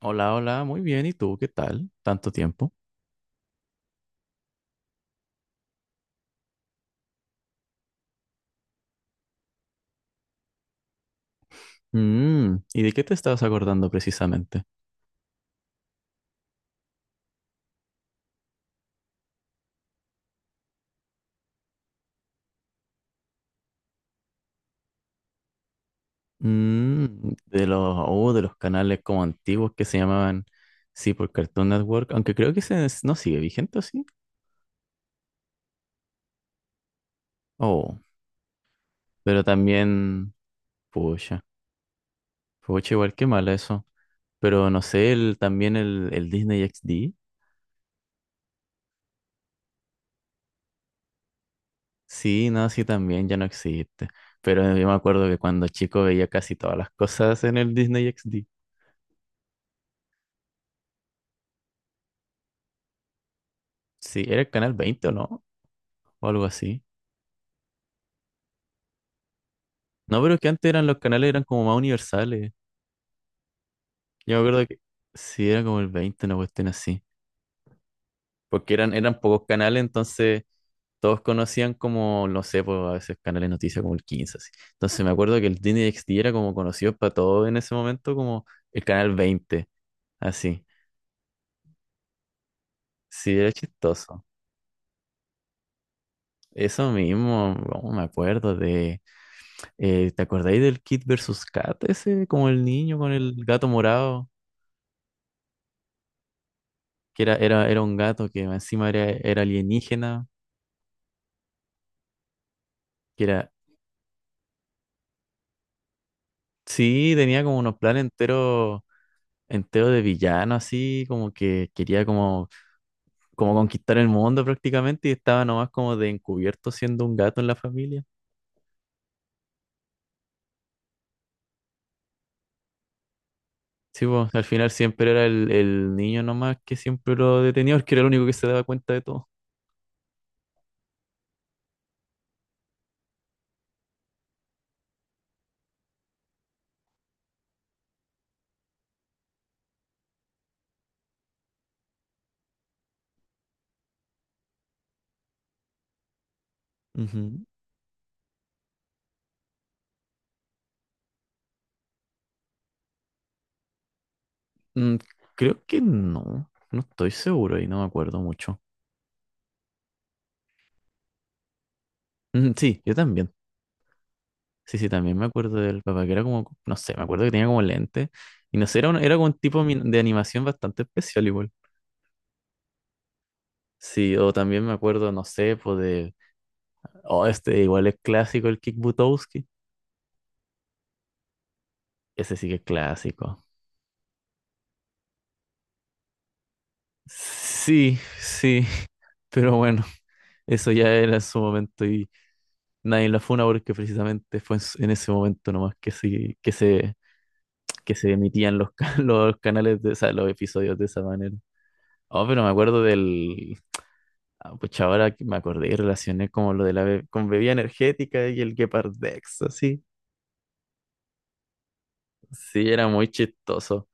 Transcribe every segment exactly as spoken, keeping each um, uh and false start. Hola, hola, muy bien. ¿Y tú qué tal? ¿Tanto tiempo? Mm, ¿y de qué te estabas acordando precisamente? Mm, de los, oh, de los canales como antiguos que se llamaban, sí, por Cartoon Network, aunque creo que ese es- no sigue vigente, ¿o sí? Oh, pero también, pucha, pucha, igual que mal eso. Pero no sé, el, también el, el Disney X D, sí, no, sí, también ya no existe. Pero yo me acuerdo que cuando chico veía casi todas las cosas en el Disney X D. Sí, era el canal veinte, ¿o no? O algo así. No, pero es que antes eran los canales eran como más universales. Yo me acuerdo que sí, era como el veinte, una cuestión así. Porque eran, eran pocos canales, entonces todos conocían como, no sé, pues a veces canales de noticias como el quince, así. Entonces me acuerdo que el Disney X D era como conocido para todos en ese momento como el canal veinte, así. Sí, era chistoso. Eso mismo, oh, me acuerdo de... eh, ¿te acordáis del Kid versus Kat ese? Como el niño con el gato morado. Que era, era, era un gato que encima era, era alienígena, que era, sí, tenía como unos planes enteros, enteros de villano, así, como que quería como, como conquistar el mundo prácticamente y estaba nomás como de encubierto siendo un gato en la familia. Sí, pues, al final siempre era el, el niño nomás que siempre lo detenía, porque era el único que se daba cuenta de todo. Ujú. Mm, creo que no, no estoy seguro y no me acuerdo mucho. Mm, sí, yo también. Sí, sí, también me acuerdo del papá, que era como, no sé, me acuerdo que tenía como lente. Y no sé, era, un- era como un tipo mi- de animación bastante especial igual. Sí, o también me acuerdo, no sé, pues de... Oh, este igual es clásico, el Kick Buttowski. Ese sí que es clásico. Sí, sí, pero bueno, eso ya era en su momento y nadie la funa porque precisamente fue en, su- en ese momento nomás que se, que se, que se emitían los, ca- los canales de, o sea, los episodios de esa manera. Oh, pero me acuerdo del, ah, pues ahora que me acordé y relacioné como lo de la be- con bebida energética y el Gepardex, así. Sí, era muy chistoso.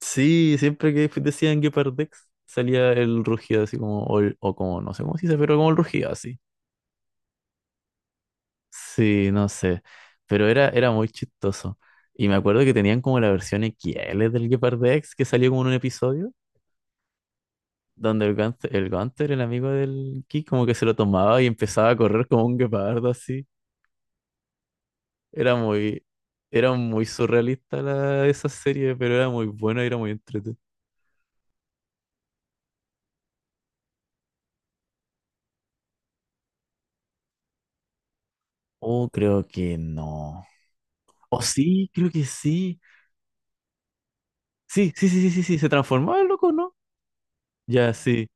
Sí, siempre que decían Gepardex salía el rugido así como, o, el- o como, no sé cómo se dice, pero como el rugido así. Sí, no sé. Pero era, era muy chistoso. Y me acuerdo que tenían como la versión X L del Gepardex que salió como en un episodio. Donde el Gunther, el Gunther, el amigo del Ki, como que se lo tomaba y empezaba a correr como un guepardo así. Era muy, era muy surrealista la, esa serie, pero era muy buena y era muy entretenida. Oh, creo que no. Oh, sí, creo que sí. Sí, sí, sí, sí, sí, sí. Se transformaba el loco, ¿no? Ya, sí.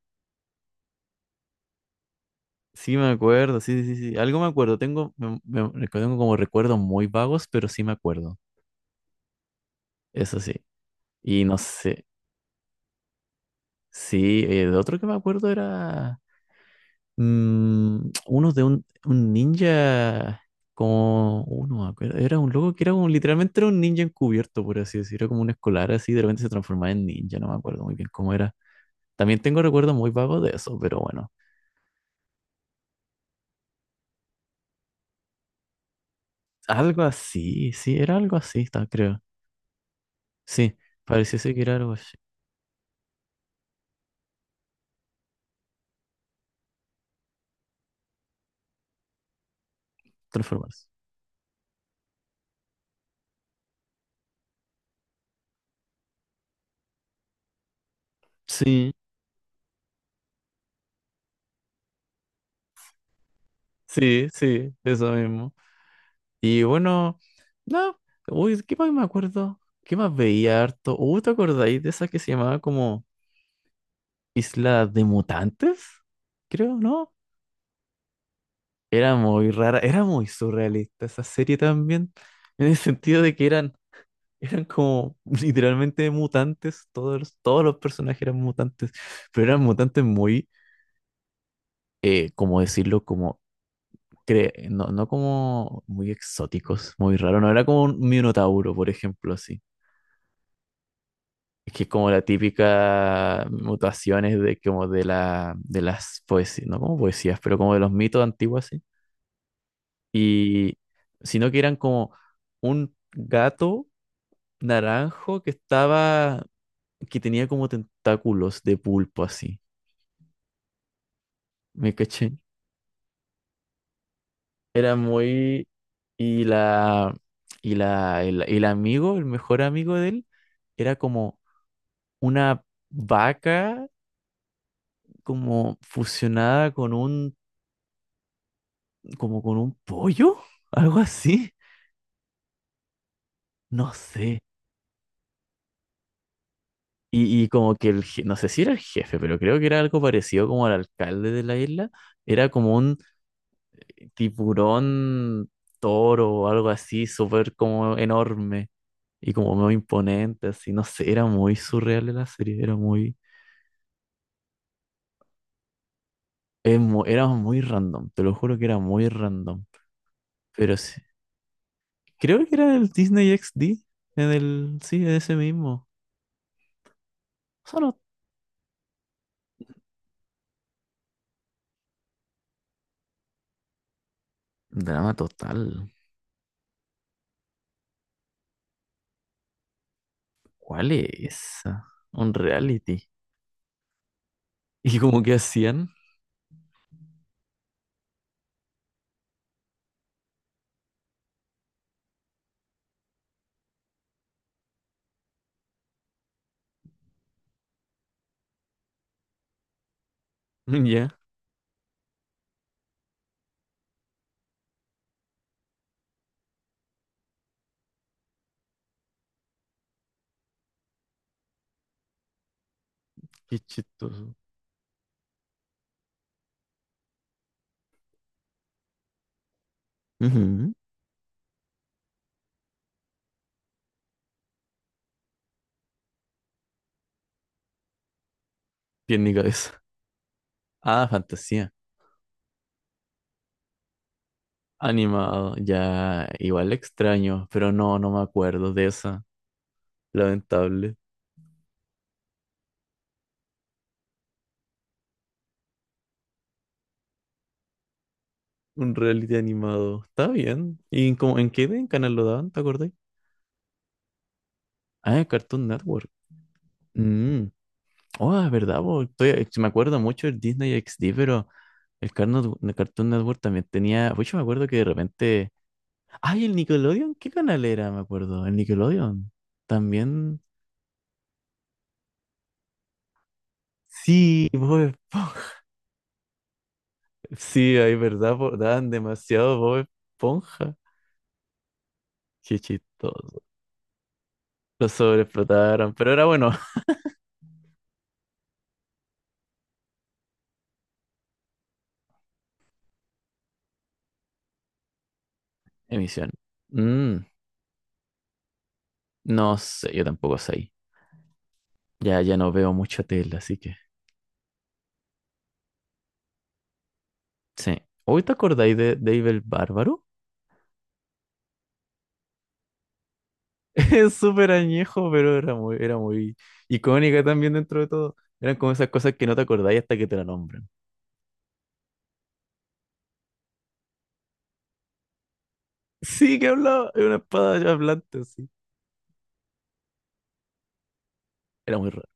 Sí, me acuerdo. Sí, sí, sí, sí. Algo me acuerdo. Tengo, me- me- recu- tengo como recuerdos muy vagos, pero sí me acuerdo. Eso sí. Y no sé. Sí, eh, de otro que me acuerdo era. Mm, uno de un, un ninja, como uno, me acuerdo, era un loco que era un, literalmente era un ninja encubierto, por así decirlo, era como un escolar así, de repente se transformaba en ninja, no me acuerdo muy bien cómo era. También tengo recuerdos muy vagos de eso, pero bueno, algo así, sí, era algo así, ta- creo. Sí, parecía ser que era algo así, transformarse. Sí, sí, sí, eso mismo. Y bueno, no, uy, ¿qué más me acuerdo? ¿Qué más veía harto? Uh, ¿te acordáis de esa que se llamaba como... Isla de Mutantes, creo, ¿no? Era muy rara, era muy surrealista esa serie también, en el sentido de que eran, eran como literalmente mutantes, todos, los- todos los personajes eran mutantes, pero eran mutantes muy, eh, como decirlo, como, cre- no, no como muy exóticos, muy raros, no era como un minotauro, por ejemplo, así. Es que es como la típica mutaciones de como de la de las poesías, no como poesías, pero como de los mitos antiguos. Y sino que eran como un gato naranjo que estaba, que tenía como tentáculos de pulpo así. ¿Me caché? Era muy... Y la... Y la... El, el amigo, el mejor amigo de él, era como una vaca como fusionada con un... como con un pollo, algo así. No sé. Y, y como que el, je- no sé si era el jefe, pero creo que era algo parecido como al alcalde de la isla. Era como un tiburón toro o algo así, súper como enorme y como muy imponente, así. No sé, era muy surreal la serie, era muy, es mu- era muy random, te lo juro que era muy random. Pero sí, creo que era el Disney X D, en el, sí, en ese mismo. Solo drama total. ¿Cuál es esa? Un reality. Y como que hacían, ya. Qué chistoso. Ujú. Tiene cabeza. Ah, fantasía. Animado. Ya, igual extraño, pero no, no me acuerdo de esa. Lamentable. Un reality animado. Está bien. ¿Y en, cómo- en qué en canal lo daban? ¿Te acordás? Ah, en Cartoon Network. Mm. Oh, es verdad, po. Estoy- eh, me acuerdo mucho del Disney X D, pero el Carno- el Cartoon Network también tenía. Pues yo me acuerdo que de repente. ¡Ay, el Nickelodeon! ¿Qué canal era? Me acuerdo. El Nickelodeon. También. Sí, Bob Esponja. Sí, ahí verdad, po- daban demasiado Bob Esponja. Qué chistoso. Lo sobreexplotaron, pero era bueno. Emisión. Mm, no sé, yo tampoco sé ahí. Ya, ya no veo mucha tele, así que. Sí. ¿Hoy te acordáis de Dave el Bárbaro? Es súper añejo, pero era muy, era muy icónica también dentro de todo. Eran como esas cosas que no te acordáis hasta que te la nombran. Sí, que hablaba, era una espada hablante, sí. Era muy raro.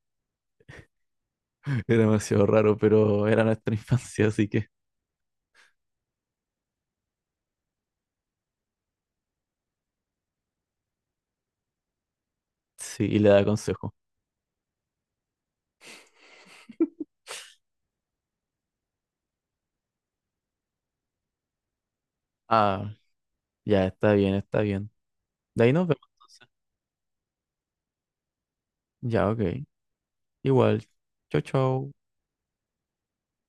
Era demasiado raro, pero era nuestra infancia, así que sí, y le da consejo. Ah, ya está bien, está bien. De ahí nos vemos entonces. Ya, ok. Igual. Chau, chau.